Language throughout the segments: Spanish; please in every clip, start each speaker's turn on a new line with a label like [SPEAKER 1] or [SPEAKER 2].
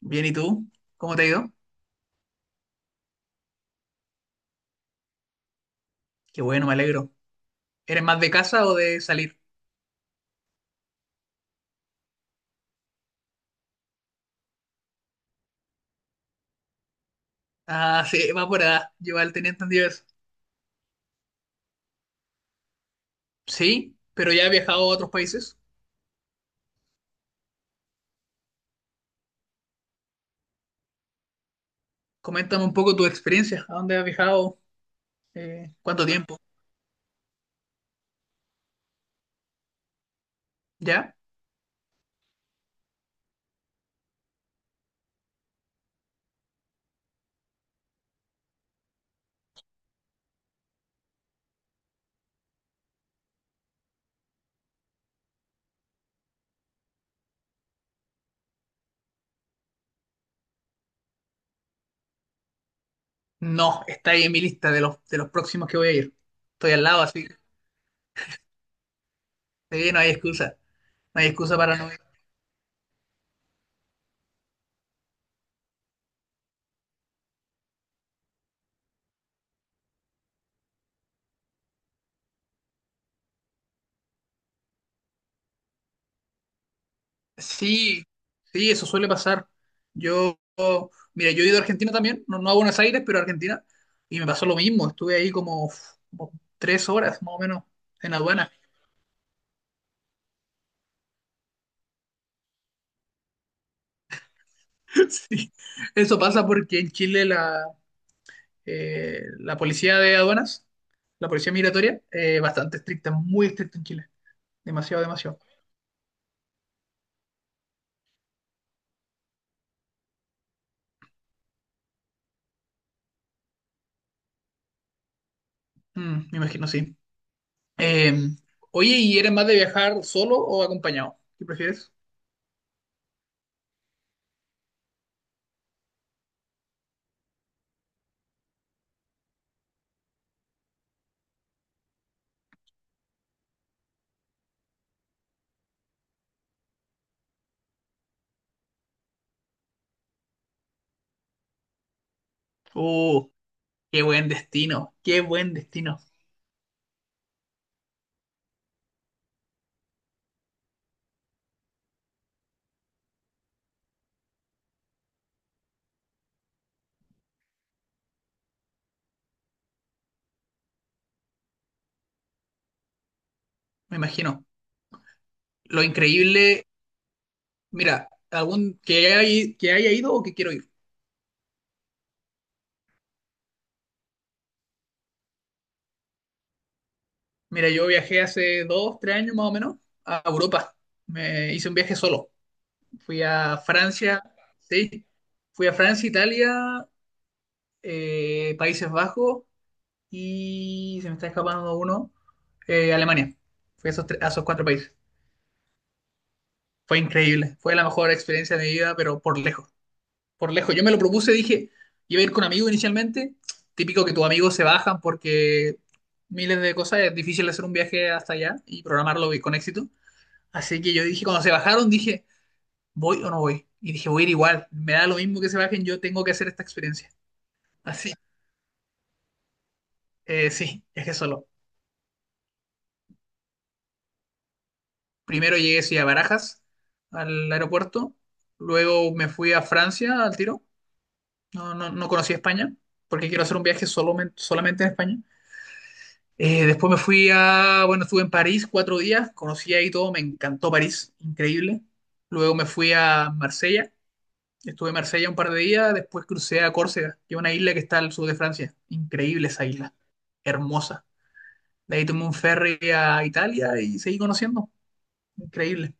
[SPEAKER 1] Bien, ¿y tú? ¿Cómo te ha ido? Qué bueno, me alegro. ¿Eres más de casa o de salir? Ah, sí, va por allá. Yo al tenía entendido eso. Sí, pero ya he viajado a otros países. Coméntame un poco tu experiencia. ¿A dónde has viajado? ¿Cuánto tiempo? ¿Ya? No, está ahí en mi lista de los próximos que voy a ir. Estoy al lado, así que sí, no hay excusa. No hay excusa para no. Sí, sí, eso suele pasar. Yo, mira, yo he ido a Argentina también, no, no a Buenos Aires, pero a Argentina, y me pasó lo mismo. Estuve ahí como 3 horas, más o menos, en aduana. Sí, eso pasa porque en Chile la policía de aduanas, la policía migratoria, es bastante estricta, muy estricta en Chile. Demasiado, demasiado. Me imagino, sí. Eh, oye, ¿y eres más de viajar solo o acompañado? ¿Qué prefieres? Uh, qué buen destino, qué buen destino. Me imagino. Lo increíble, mira, algún que haya ido o que quiero ir. Mira, yo viajé hace 2, 3 años más o menos a Europa. Me hice un viaje solo. Fui a Francia, sí. Fui a Francia, Italia, Países Bajos y se me está escapando uno, Alemania. Fui a esos cuatro países. Fue increíble. Fue la mejor experiencia de mi vida, pero por lejos. Por lejos. Yo me lo propuse, dije, iba a ir con amigos inicialmente. Típico que tus amigos se bajan porque miles de cosas, es difícil hacer un viaje hasta allá y programarlo con éxito. Así que yo dije, cuando se bajaron, dije, ¿voy o no voy? Y dije, voy a ir igual, me da lo mismo que se bajen, yo tengo que hacer esta experiencia. Así, sí, viajé solo. Primero llegué sí, a Barajas, al aeropuerto, luego me fui a Francia al tiro, no, no, no conocí España, porque quiero hacer un viaje solamente, solamente en España. Después me fui a, bueno, estuve en París 4 días, conocí ahí todo, me encantó París, increíble. Luego me fui a Marsella, estuve en Marsella un par de días, después crucé a Córcega, que es una isla que está al sur de Francia, increíble esa isla, hermosa. De ahí tomé un ferry a Italia y seguí conociendo, increíble.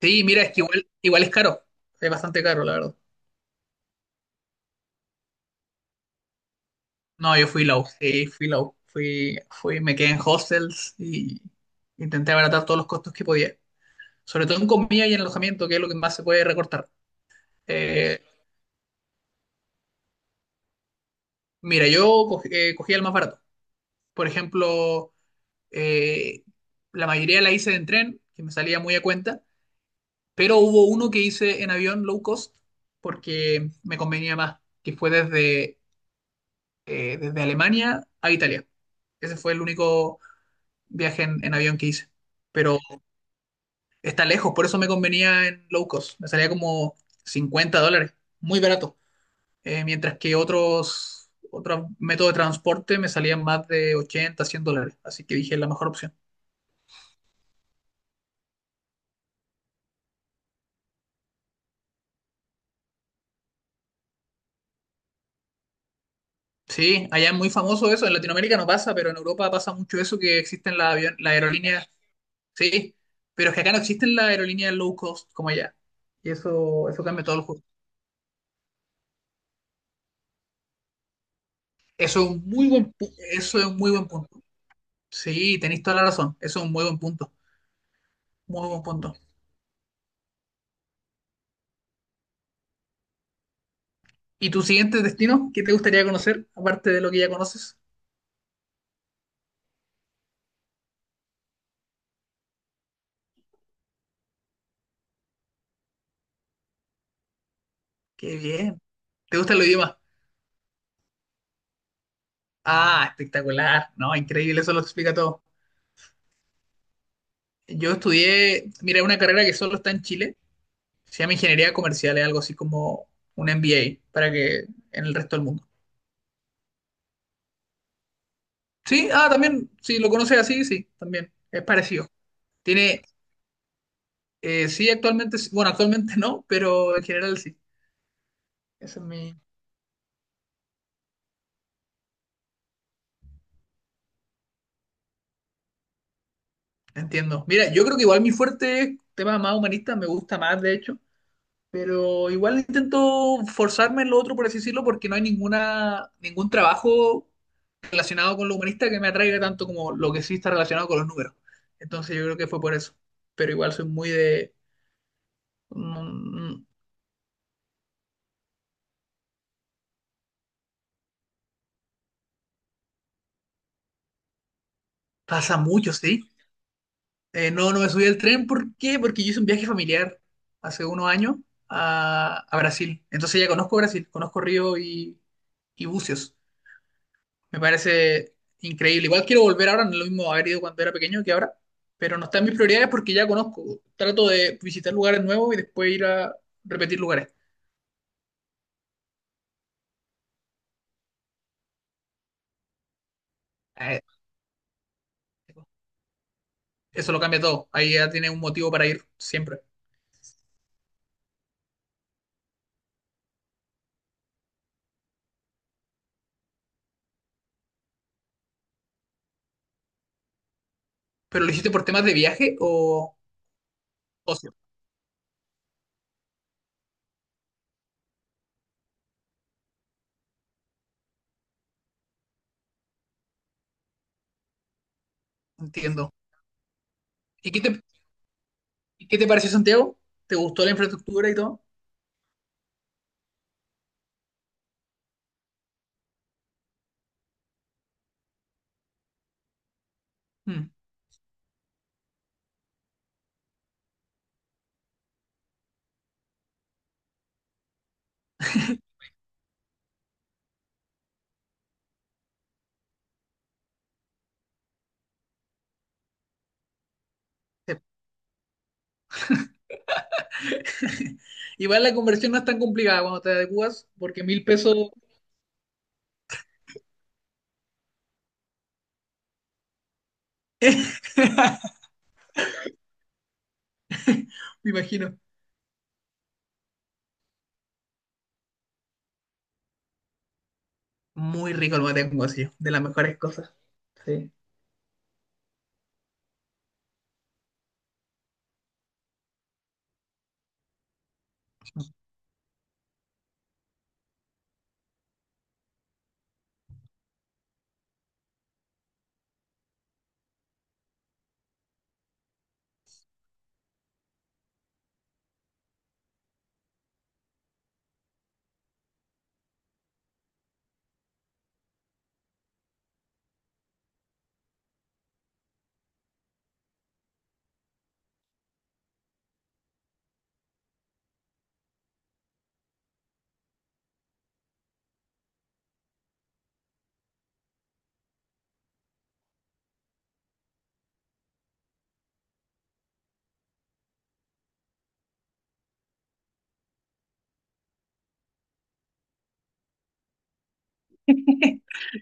[SPEAKER 1] Sí, mira, es que igual es caro, es bastante caro, la verdad. No, yo fui low, sí, fui low, fui, me quedé en hostels y intenté abaratar todos los costos que podía. Sobre todo en comida y en alojamiento, que es lo que más se puede recortar. Eh, mira, yo cogí, cogía el más barato. Por ejemplo, eh, la mayoría la hice en tren, que me salía muy a cuenta, pero hubo uno que hice en avión low cost porque me convenía más, que fue desde Alemania a Italia. Ese fue el único viaje en avión que hice. Pero está lejos, por eso me convenía en low cost. Me salía como $50, muy barato. Mientras que otros métodos de transporte me salían más de 80, $100. Así que dije, es la mejor opción. Sí, allá es muy famoso eso, en Latinoamérica no pasa, pero en Europa pasa mucho eso que existen las aerolíneas, sí, pero es que acá no existen las aerolíneas low cost como allá. Y eso cambia todo el juego. Eso es un muy buen punto. Sí, tenéis toda la razón, eso es un muy buen punto, muy buen punto. ¿Y tu siguiente destino? ¿Qué te gustaría conocer, aparte de lo que ya conoces? Qué bien. ¿Te gustan los idiomas? Ah, espectacular, ¿no? Increíble, eso lo explica todo. Yo estudié, mira, una carrera que solo está en Chile, se llama Ingeniería Comercial, es algo así como un MBA, para que en el resto del mundo. Sí, ah, también, si lo conoces así, sí, también, es parecido. Tiene, sí, actualmente, bueno, actualmente no, pero en general sí. Eso es mi, entiendo. Mira, yo creo que igual mi fuerte es temas más humanistas, me gusta más, de hecho. Pero igual intento forzarme en lo otro, por así decirlo, porque no hay ninguna, ningún trabajo relacionado con lo humanista que me atraiga tanto como lo que sí está relacionado con los números. Entonces yo creo que fue por eso. Pero igual soy muy de. Mm, pasa mucho, ¿sí? No, no me subí al tren. ¿Por qué? Porque yo hice un viaje familiar hace unos años a Brasil. Entonces ya conozco Brasil, conozco Río y Bucios. Me parece increíble. Igual quiero volver ahora, no es lo mismo haber ido cuando era pequeño que ahora, pero no está en mis prioridades porque ya conozco. Trato de visitar lugares nuevos y después ir a repetir lugares. Eh, Eso lo cambia todo. Ahí ya tienes un motivo para ir siempre. ¿Pero lo hiciste por temas de viaje o ocio? Entiendo. ¿Y qué te pareció Santiago? ¿Te gustó la infraestructura y todo? Mm, sí. Igual la conversión no es tan complicada cuando te adecuas, porque $1.000. Me imagino. Muy rico el mate con guasillo, de las mejores cosas. Sí.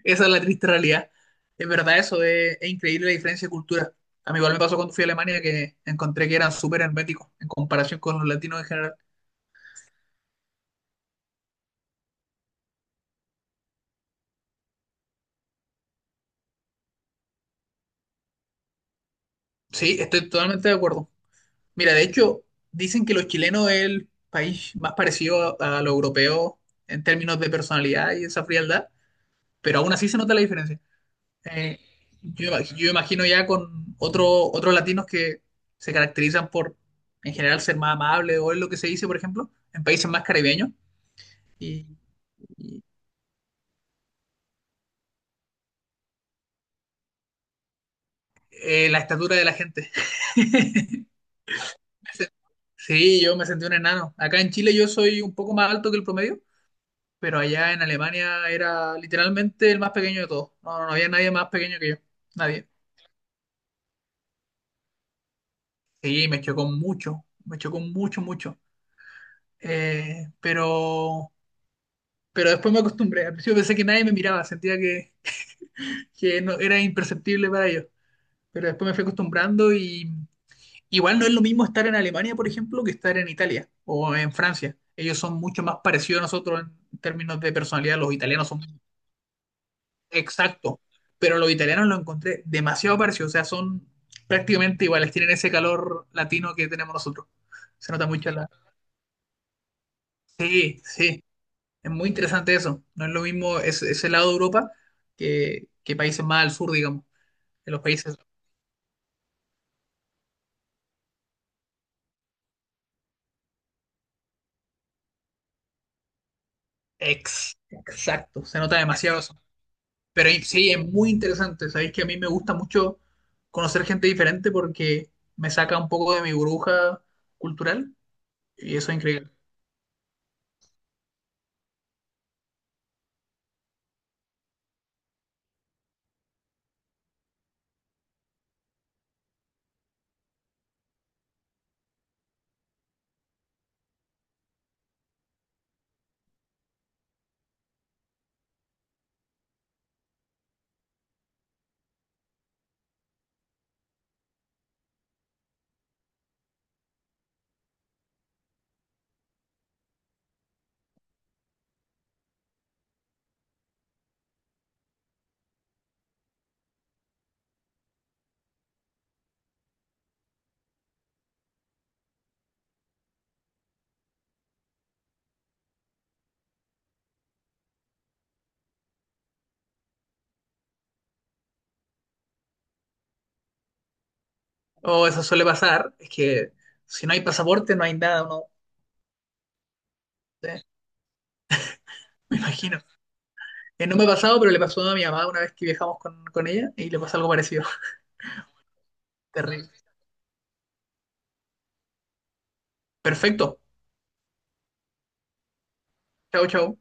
[SPEAKER 1] Esa es la triste realidad. Es verdad eso, es increíble la diferencia de cultura. A mí igual me pasó cuando fui a Alemania que encontré que eran súper herméticos en comparación con los latinos en general. Sí, estoy totalmente de acuerdo. Mira, de hecho, dicen que los chilenos es el país más parecido a lo europeo en términos de personalidad y esa frialdad, pero aún así se nota la diferencia. Eh, yo imagino ya con otro, otros latinos que se caracterizan por, en general, ser más amables o es lo que se dice, por ejemplo, en países más caribeños, y, y la estatura de la gente. Sí, yo me sentí un enano. Acá en Chile yo soy un poco más alto que el promedio, pero allá en Alemania era literalmente el más pequeño de todos. No, no había nadie más pequeño que yo. Nadie. Sí, me chocó mucho, mucho. Eh, pero, pero después me acostumbré. Al principio pensé que nadie me miraba, sentía que no, era imperceptible para ellos. Pero después me fui acostumbrando y igual no es lo mismo estar en Alemania, por ejemplo, que estar en Italia o en Francia. Ellos son mucho más parecidos a nosotros en términos de personalidad. Los italianos son. Exacto, pero los italianos lo encontré demasiado parecido, o sea, son prácticamente iguales, tienen ese calor latino que tenemos nosotros. Se nota mucho la. Sí, sí, es muy interesante eso. No es lo mismo ese lado de Europa que países más al sur, digamos, en los países. Exacto, se nota demasiado eso. Pero sí, es muy interesante, sabéis que a mí me gusta mucho conocer gente diferente porque me saca un poco de mi burbuja cultural y eso es increíble. O eso suele pasar, es que si no hay pasaporte no hay nada, uno. eh, Me imagino. No me ha pasado, pero le pasó a mi mamá una vez que viajamos con ella y le pasó algo parecido. Terrible. Perfecto. Chau, chau.